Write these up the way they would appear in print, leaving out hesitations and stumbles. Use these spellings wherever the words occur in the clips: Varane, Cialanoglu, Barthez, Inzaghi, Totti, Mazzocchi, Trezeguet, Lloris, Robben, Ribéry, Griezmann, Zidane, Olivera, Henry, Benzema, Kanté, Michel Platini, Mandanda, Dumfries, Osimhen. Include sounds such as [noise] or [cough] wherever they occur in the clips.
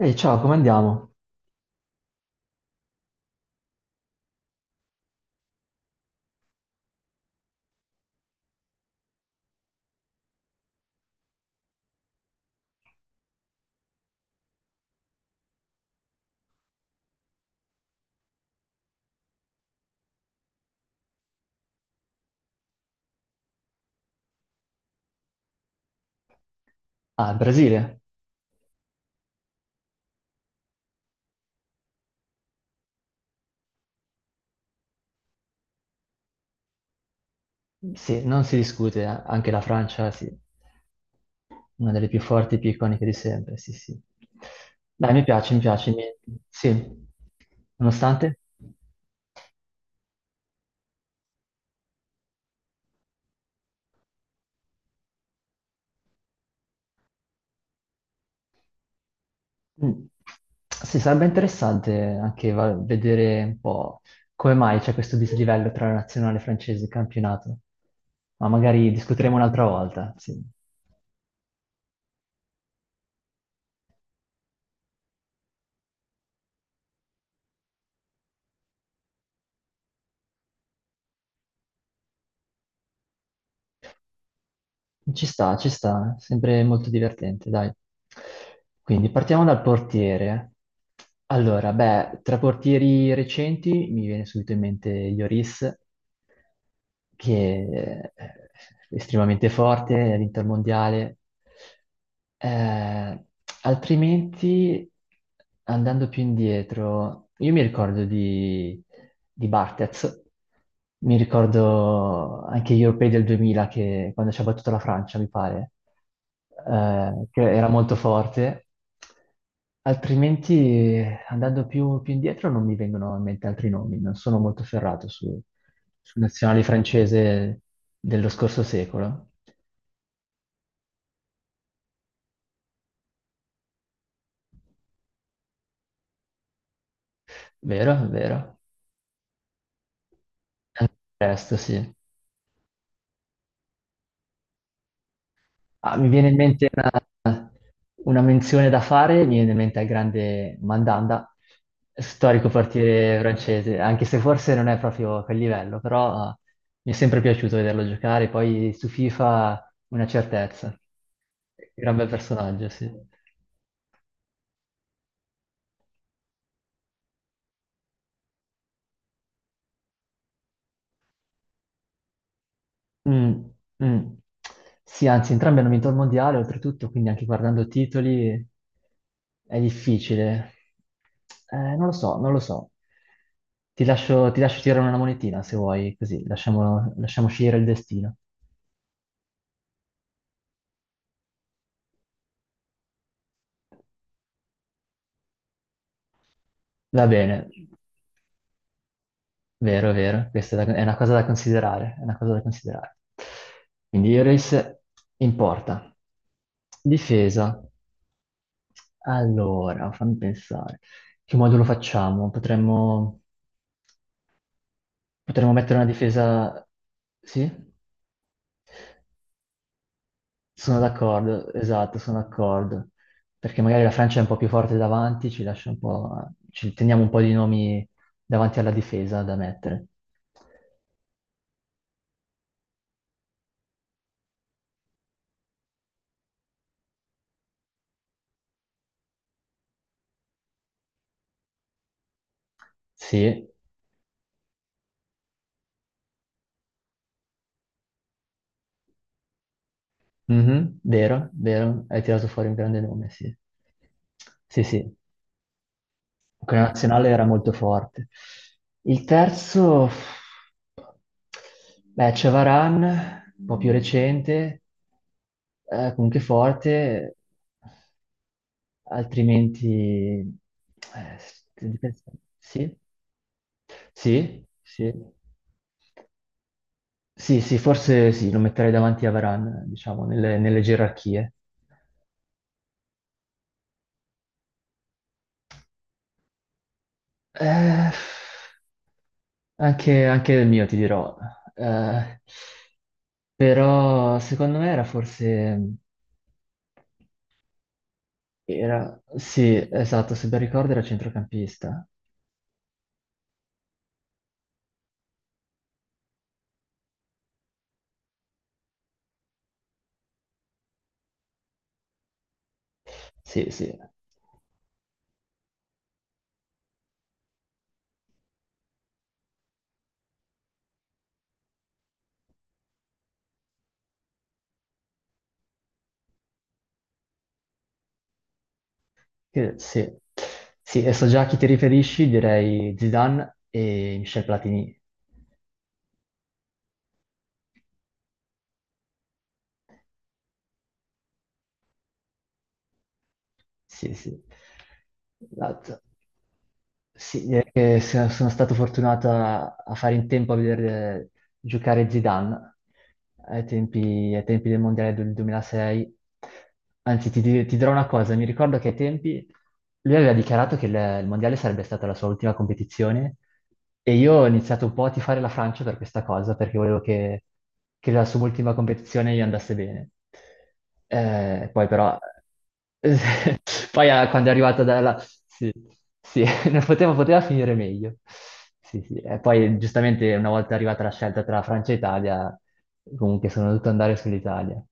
Ehi, ciao, come andiamo? Ah, Brasile? Sì, non si discute, eh. Anche la Francia, sì, una delle più forti e più iconiche di sempre, sì, sì. Dai, mi piace, sì, nonostante... Mm. Sì, sarebbe interessante anche vedere un po' come mai c'è questo dislivello tra la nazionale francese e il campionato, ma magari discuteremo un'altra volta, sì. Ci sta, eh. Sempre molto divertente, dai. Quindi partiamo dal portiere. Allora, beh, tra portieri recenti mi viene subito in mente Lloris, che è estremamente forte all'Intermondiale, eh, altrimenti, andando più indietro, io mi ricordo di Barthez, mi ricordo anche gli europei del 2000, che, quando ci ha battuto la Francia, mi pare, che era molto forte. Altrimenti, andando più indietro, non mi vengono in mente altri nomi, non sono molto ferrato su, sul nazionale francese dello scorso secolo. Vero, vero. Eh, Presto, sì. Ah, mi viene in mente una menzione da fare, mi viene in mente il grande Mandanda, storico portiere francese, anche se forse non è proprio a quel livello, però mi è sempre piaciuto vederlo giocare, poi su FIFA una certezza. Gran bel personaggio, sì. Mm, mm. Sì, anzi, entrambi hanno vinto il mondiale, oltretutto, quindi anche guardando titoli è difficile. Non lo so, non lo so. Ti lascio tirare una monetina se vuoi, così lasciamo, lasciamo scegliere il destino. Va bene, vero, vero, è una cosa da considerare, è una cosa da considerare. Quindi Iris in porta. Difesa. Allora, fammi pensare. Che modulo facciamo? Potremmo... potremmo mettere una difesa... Sì? Sono d'accordo, esatto, sono d'accordo. Perché magari la Francia è un po' più forte davanti, ci lascia un po'... ci teniamo un po' di nomi davanti alla difesa da mettere. Sì, mhm, vero, vero, hai tirato fuori un grande nome, sì. Sì, sì. Quella nazionale era molto forte. Il terzo, beh, c'è Varane, un po' più recente, comunque forte, altrimenti... sto pensando. Sì, sì, sì. Sì, sì, forse sì, lo metterei davanti a Varane, diciamo, nelle, nelle gerarchie. Eh, anche, anche il mio, ti dirò. Eh, però secondo me era forse... era... sì, esatto, se ben ricordo era centrocampista. Sì, sì. Sì, sì, e so già a chi ti riferisci, direi Zidane e Michel Platini. Sì, sì. Esatto. Sì, direi che sono stato fortunato a fare in tempo a vedere giocare Zidane ai tempi del Mondiale del 2006. Anzi, ti dirò una cosa, mi ricordo che ai tempi lui aveva dichiarato che il Mondiale sarebbe stata la sua ultima competizione e io ho iniziato un po' a tifare la Francia per questa cosa, perché volevo che la sua ultima competizione gli andasse bene. Poi però... [laughs] Poi quando è arrivata dalla... Sì, sì, [laughs] non poteva, poteva finire meglio. Sì, sì. E poi giustamente una volta arrivata la scelta tra Francia e Italia, comunque sono dovuto andare sull'Italia.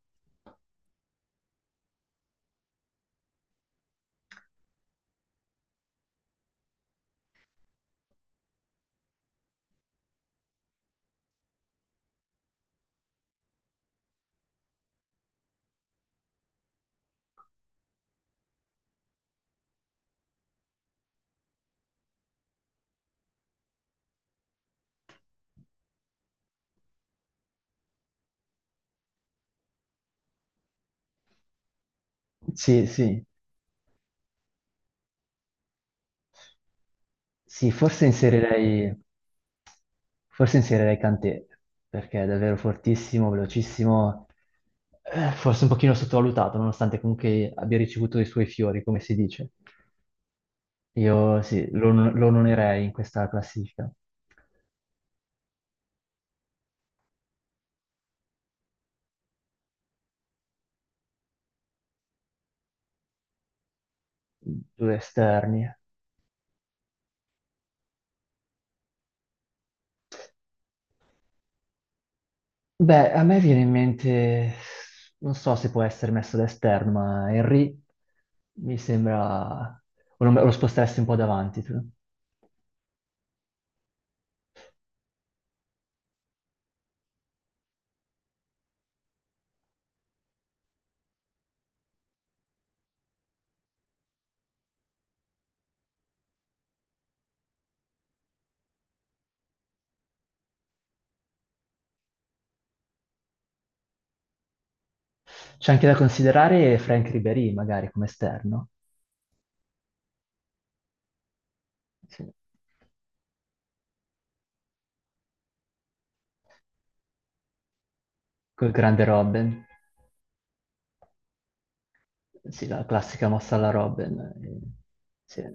Sì, sì, sì, forse inserirei Kanté, perché è davvero fortissimo, velocissimo, forse un pochino sottovalutato, nonostante comunque abbia ricevuto i suoi fiori, come si dice. Io sì, lo, lo onorerei in questa classifica. Due esterni. Beh, a me viene in mente, non so se può essere messo da esterno, ma Henry mi sembra, o lo, lo sposteresti un po' davanti tu. C'è anche da considerare Frank Ribéry magari come esterno, sì. Col grande Robben, sì, la classica mossa alla Robben, sì,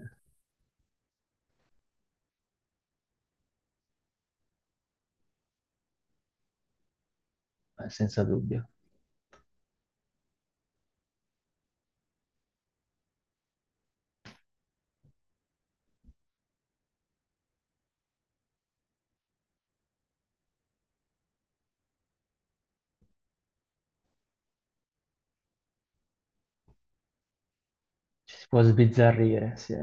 senza dubbio. Ci si può sbizzarrire, sì.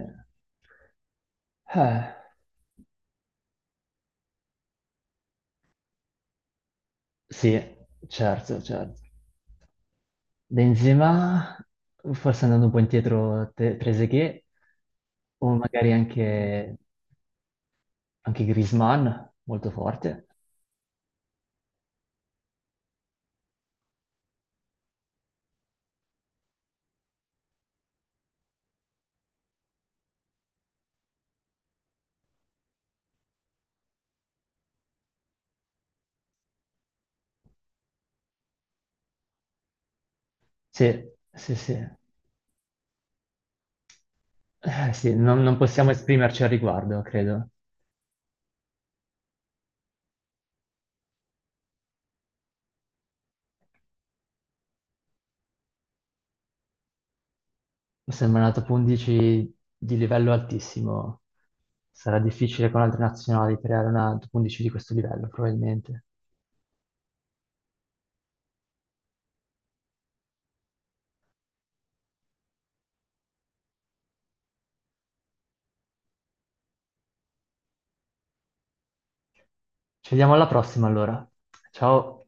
Eh, sì, certo, certo. Benzema, forse andando un po' indietro, Trezeguet, o magari anche, anche Griezmann, molto forte. Sì, sì, sì. Sì, non, non possiamo esprimerci al riguardo, credo. Mi sembra una top 11 di livello altissimo. Sarà difficile con altre nazionali creare una top 11 di questo livello, probabilmente. Ci vediamo alla prossima, allora. Ciao.